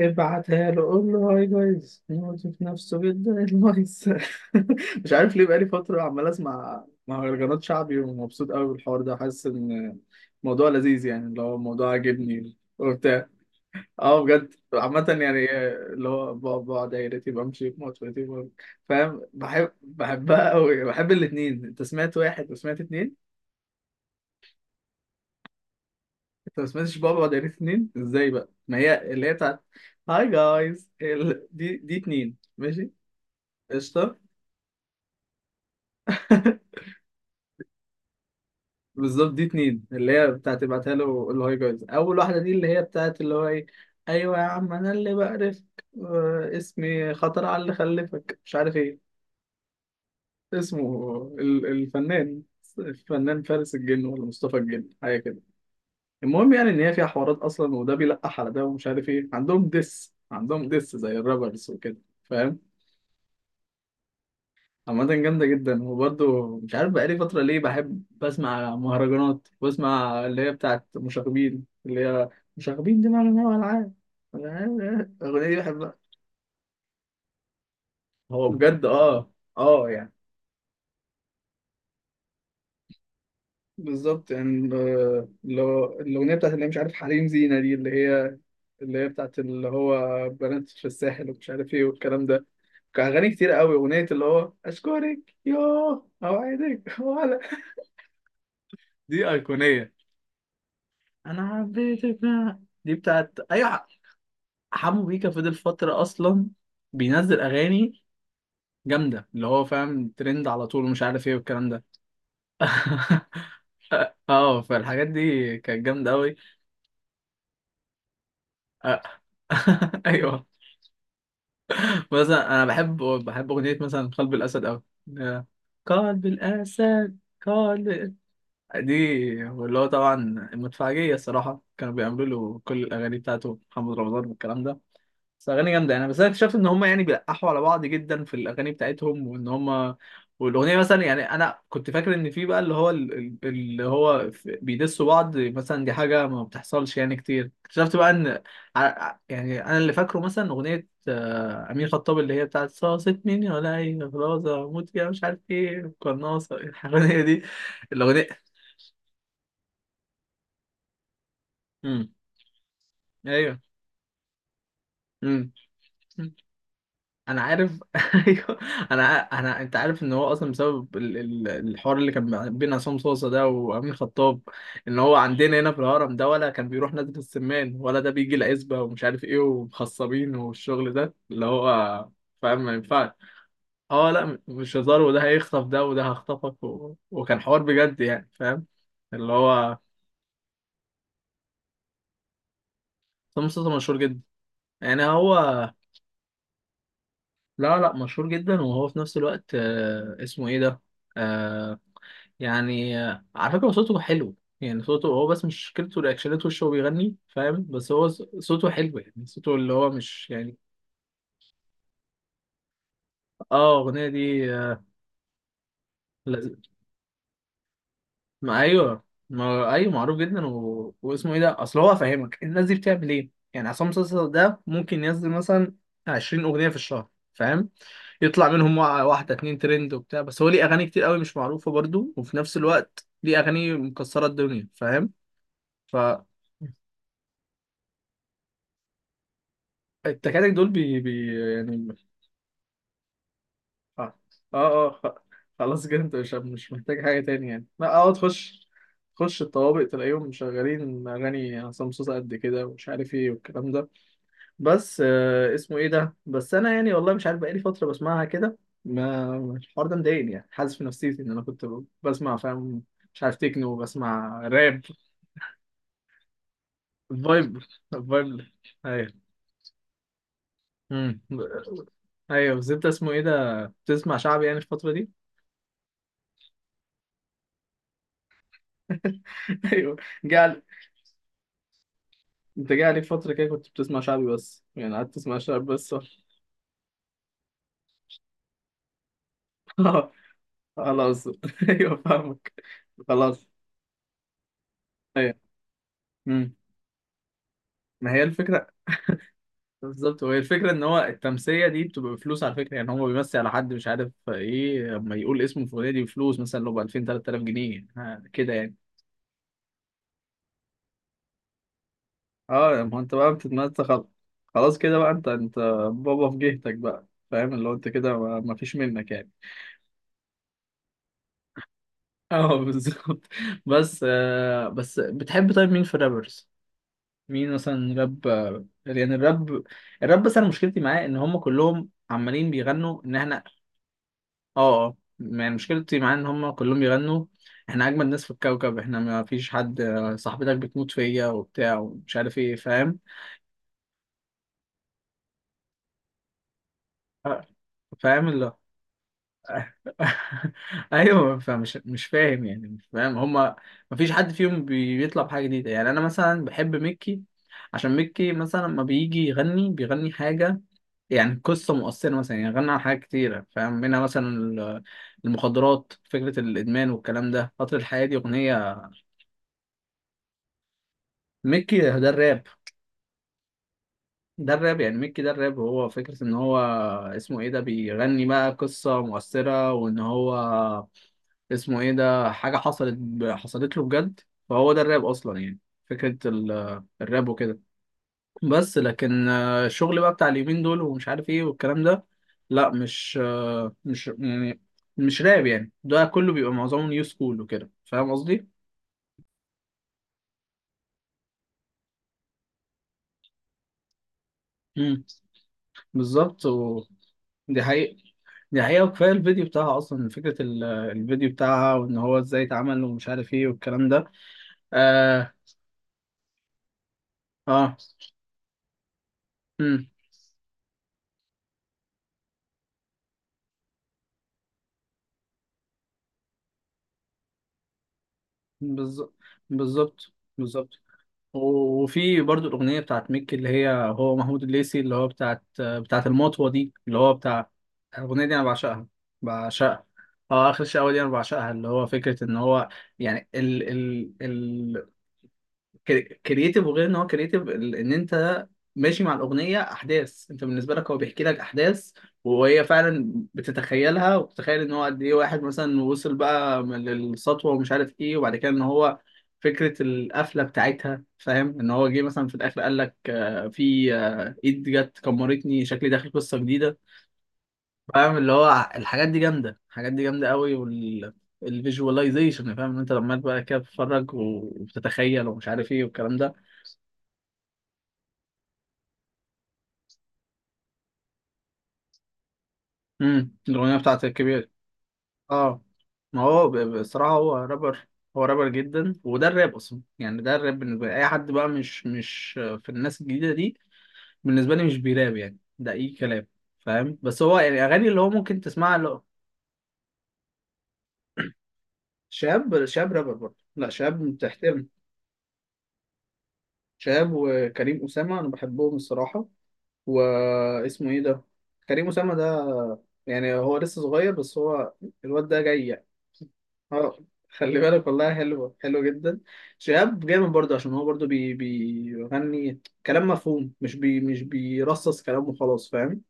ابعتها له، قول له هاي جايز يموت في نفسه جدا النايس. مش عارف ليه بقالي فترة عمال اسمع مهرجانات شعبي ومبسوط قوي بالحوار ده، حاسس ان الموضوع لذيذ، يعني اللي هو الموضوع عاجبني وبتاع. اه بجد، عامة يعني اللي هو بقعد دايرتي، بمشي بموتوتي، فاهم، بحب، بحبها قوي، بحب الاتنين. انت سمعت واحد وسمعت اتنين؟ انت ما سمعتش بابا ودايرتي اتنين؟ ازاي بقى؟ ما هي اللي هي بتاعت هاي جايز. دي اتنين، ماشي. قشطة. بالظبط، دي اتنين اللي هي بتاعت ابعتها له، اللي هو يجوز أول واحدة دي اللي هي بتاعت اللي هو إيه. أيوة يا عم، أنا اللي بقرفك. اسمي خطر على اللي خلفك، مش عارف إيه. اسمه الفنان، الفنان فارس الجن ولا مصطفى الجن، حاجة كده. المهم يعني إن هي فيها حوارات أصلا، وده بيلقح على ده ومش عارف إيه، عندهم دس زي الرابرز وكده. عامة جامدة جدا. وبرضه مش عارف بقالي فترة ليه بحب بسمع مهرجانات، بسمع اللي هي بتاعت مشاغبين، اللي هي مشاغبين دي، معنى إنها ألعاب. الأغنية دي بحبها. هو بجد اه. اه يعني. بالظبط يعني، اللي هو الأغنية بتاعت اللي هي مش عارف حريم زينة دي، اللي هي اللي هي بتاعت اللي هو بنات في الساحل ومش عارف ايه والكلام ده. كان أغاني كتير قوي، أغنية اللي هو أشكرك يوه أوعدك ولا. دي أيقونية. انا حبيتك بقى. دي بتاعت ايوه. حمو بيكا فضل فتره اصلا بينزل اغاني جامده، اللي هو فاهم ترند على طول ومش عارف ايه والكلام ده. اه، فالحاجات دي كانت جامده قوي. ايوه. مثلا انا بحب اغنيه مثلا قلب الاسد قوي. قلب الاسد. قلب دي، اللي هو طبعا المدفعجيه الصراحه كانوا بيعملوا له كل الاغاني بتاعته، محمد رمضان والكلام ده. بس اغاني جامده. انا بس انا اكتشفت ان هم يعني بيلقحوا على بعض جدا في الاغاني بتاعتهم، وان هم والاغنيه مثلا، يعني انا كنت فاكر ان في بقى اللي هو اللي هو بيدسوا بعض، مثلا دي حاجه ما بتحصلش يعني كتير. اكتشفت بقى ان يعني انا اللي فاكره مثلا اغنيه، امين خطاب اللي هي بتاعت صاصت مين ولا اي خلاص اموت يا مش عارف ايه قناصه، الأغنية دي. الاغنيه. امم ايوه. امم انا عارف. ايوه. انا انا، انت عارف ان هو اصلا بسبب الحوار اللي كان بين عصام صوصه ده وامين خطاب، ان هو عندنا هنا في الهرم ده، ولا كان بيروح نادي السمان، ولا ده بيجي العزبه ومش عارف ايه ومخصبين والشغل ده اللي هو فاهم، ما ينفعش. اه، لا، مش هزار، وده هيخطف ده، وده هخطفك و... وكان حوار بجد يعني، فاهم؟ اللي هو عصام صوصه مشهور جدا. يعني هو، لا لا، مشهور جدا. وهو في نفس الوقت، اسمه ايه ده. آه، يعني على فكرة هو صوته حلو، يعني صوته هو، بس مش مشكلته رياكشنات وشه وهو بيغني، فاهم؟ بس هو صوته حلو، يعني صوته اللي هو مش يعني. اه، الأغنية دي لذ- ما أيوه. ما أيوه، معروف جدا و... واسمه إيه ده، أصل هو فاهمك الناس دي بتعمل إيه يعني. عصام صاصا ده ممكن ينزل مثلا 20 أغنية في الشهر، فاهم؟ يطلع منهم واحدة اتنين ترند وبتاع، بس هو ليه أغاني كتير قوي مش معروفة برضو، وفي نفس الوقت ليه أغاني مكسرة الدنيا، فاهم؟ ف التكاتك دول بي، يعني. اه. اه، خلاص كده انت مش، مش محتاج حاجة تاني يعني. لا اه، تخش، تخش الطوابق تلاقيهم شغالين أغاني عصام صوصة قد كده ومش عارف ايه والكلام ده. بس آه اسمه ايه ده، بس أنا يعني والله مش عارف بقالي فترة بسمعها كده. ما الحوار ده مضايقني يعني، حاسس في نفسيتي إن أنا كنت بسمع، فاهم؟ مش عارف تكنو، بسمع راب. فايب. فايب. أيوه. مم. أيوه، بس أنت اسمه ايه ده بتسمع شعبي يعني الفترة دي؟ ايوه. جال، انت جه عليك فتره كده كنت بتسمع شعبي بس يعني، قعدت تسمع شعبي بس ولا؟ خلاص. ايوه فاهمك. خلاص. ايوه. امم ما هي الفكره. بالظبط، وهي الفكره ان هو التمثيله دي بتبقى بفلوس على فكره، يعني هو بيمثل على حد مش عارف ايه لما يقول اسمه الفلاني، دي بفلوس مثلا، لو ب 2000 3000 جنيه ها، كده يعني. اه ما هو انت بقى بتتمثل، خلاص. خلاص كده بقى، انت انت بابا في جهتك بقى، فاهم؟ اللي هو انت كده، ما ما فيش منك يعني. اه بالظبط. بس آه، بس بتحب طيب مين في الرابرز؟ مين مثلا راب؟ يعني الراب، الراب بس انا مشكلتي معاه ان هم كلهم عمالين بيغنوا ان احنا. اه. اه يعني، مشكلتي معاه ان هم كلهم بيغنوا احنا اجمد ناس في الكوكب، احنا ما فيش حد، صاحبتك بتموت فيا وبتاع ومش عارف ايه، فاهم؟ آه، فاهم. ايوه، فمش، مش فاهم يعني، مش فاهم هما. مفيش حد فيهم بيطلع بحاجه جديده، يعني انا مثلا بحب ميكي، عشان ميكي مثلا لما بيجي يغني بيغني حاجه يعني قصه مؤثره مثلا. يعني غنى عن حاجات كتيره، فاهم؟ منها مثلا المخدرات، فكره الادمان والكلام ده، قطر الحياه دي اغنيه. ميكي ده الراب، ده الراب يعني. ميكي ده الراب، هو فكره ان هو اسمه ايه ده بيغني بقى قصه مؤثره، وان هو اسمه ايه ده حاجة حصلت حصلت له بجد. فهو ده الراب اصلا يعني، فكرة الراب وكده. بس لكن الشغل بقى بتاع اليومين دول ومش عارف ايه والكلام ده، لا مش، مش يعني، مش راب يعني، ده كله بيبقى معظمه نيو سكول وكده، فاهم قصدي؟ امم بالظبط و... دي حقيقة. دي حقيقة، وكفاية الفيديو بتاعها أصلا، فكرة الفيديو بتاعها وإن هو إزاي اتعمل ومش عارف إيه والكلام ده. آه. آه. امم بالظبط بالظبط بالظبط. وفي برضو الأغنية بتاعت ميكي اللي هي هو محمود الليثي، اللي هو بتاعت المطوة دي، اللي هو بتاع الأغنية دي، أنا بعشقها، بعشقها. اه، آخر شقاوة دي أنا بعشقها، اللي هو فكرة إن هو، يعني ال كرييتيف، وغير ان هو كرييتيف، ان انت ماشي مع الاغنيه احداث، انت بالنسبه لك هو بيحكي لك احداث وهي فعلا بتتخيلها، وبتتخيل ان هو قد ايه واحد مثلا وصل بقى للسطوه ومش عارف ايه. وبعد كده ان هو فكره القفله بتاعتها، فاهم؟ ان هو جه مثلا في الاخر قال لك، في ايد جت كمرتني، شكلي داخل قصه جديده. فاهم؟ اللي هو الحاجات دي جامده، الحاجات دي جامده قوي. وال الفيجواليزيشن، فاهم ان انت لما بقى كده بتتفرج وبتتخيل ومش عارف ايه والكلام ده. الاغنيه بتاعت الكبير. اه، ما هو بصراحه هو رابر. هو رابر جدا، وده الراب اصلا يعني، ده الراب بالنسبه لي. اي حد بقى مش، مش في الناس الجديده دي بالنسبه لي مش بيراب يعني، ده اي كلام، فاهم؟ بس هو يعني اغاني اللي هو ممكن تسمعها اللي هو. شاب، شاب رابر برضه، لا شاب تحترم. شاب وكريم اسامه، انا بحبهم الصراحه. واسمه ايه ده كريم اسامه ده، يعني هو لسه صغير، بس هو الواد ده جاي. اه، خلي بالك، والله حلوة، حلوة جدا. شهاب جامد برضه، عشان هو برضه بيغني كلام مفهوم، مش مش بيرصص كلام وخلاص، فاهم؟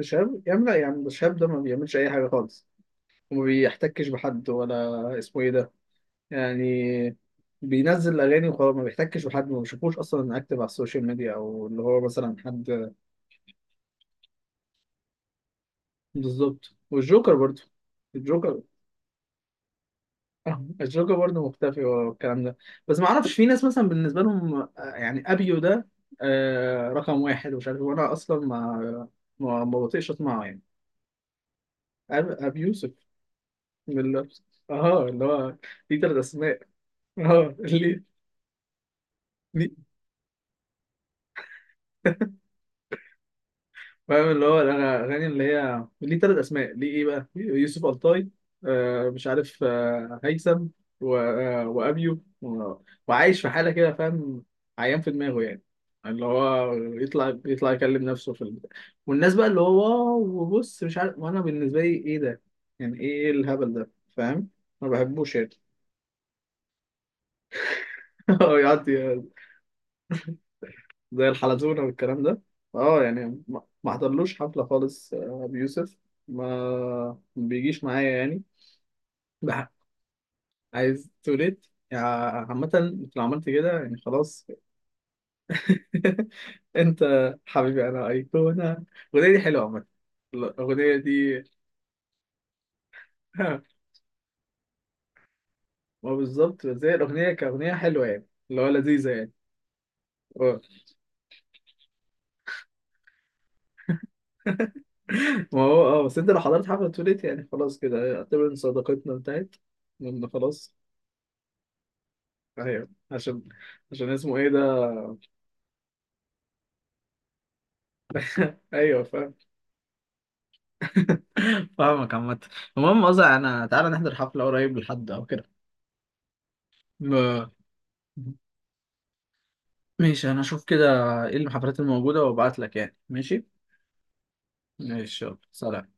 شهاب يا عم، لا يا عم، الشهاب ده ما بيعملش أي حاجة خالص، وما بيحتكش بحد ولا اسمه ايه ده يعني، بينزل أغاني وخلاص، ما بيحتكش بحد، ما بشوفوش أصلا أكتف على السوشيال ميديا أو اللي هو مثلا حد. بالظبط، والجوكر برضه. الجوكر، الجوكر برضه مختفي والكلام ده، بس ما اعرفش. في ناس مثلا بالنسبه لهم يعني ابيو ده رقم واحد ومش عارف إيه، وانا اصلا ما، ما، ما بطيقش اسمعه يعني. ابي يوسف. من ال- اه اللي هو ليه ثلاث اسماء. اه ليه. فاهم؟ اللي هو الأغاني اللي هي ليه تلات أسماء، ليه إيه بقى؟ يوسف ألطاي، آه مش عارف، آه هيثم و... آه وأبيو و... وعايش في حالة كده، فاهم؟ عيان في دماغه يعني، اللي هو يطلع، يطلع يكلم نفسه في البتاع، والناس بقى اللي هو واو وبص مش عارف. وأنا بالنسبة لي إيه ده؟ يعني إيه الهبل ده؟ فاهم؟ ما بحبوش يعني. يقعد زي الحلزونة والكلام ده. اه يعني، ما ما حضرلوش حفلة خالص، أبي يوسف ما، ما بيجيش معايا يعني. لا، عايز توليت يعني؟ عامة انت لو عملت كده يعني خلاص. انت حبيبي انا ايقونة، الأغنية دي حلوة عامة، الأغنية دي. ما بالظبط، زي الأغنية كأغنية حلوة يعني، اللي هو لذيذة يعني. اه. ما هو اه، بس انت لو حضرت حفلة توليت يعني خلاص، كده اعتبر ان صداقتنا انتهت، لأن خلاص. ايوه عشان، عشان اسمه ايه ده. ايوه فاهم. فاهمك عامة. المهم قصدي انا، تعالى نحضر حفلة قريب لحد او كده. ما ماشي، انا اشوف كده ايه الحفلات الموجودة وابعت لك، يعني ماشي. ماشي، يلا سلام.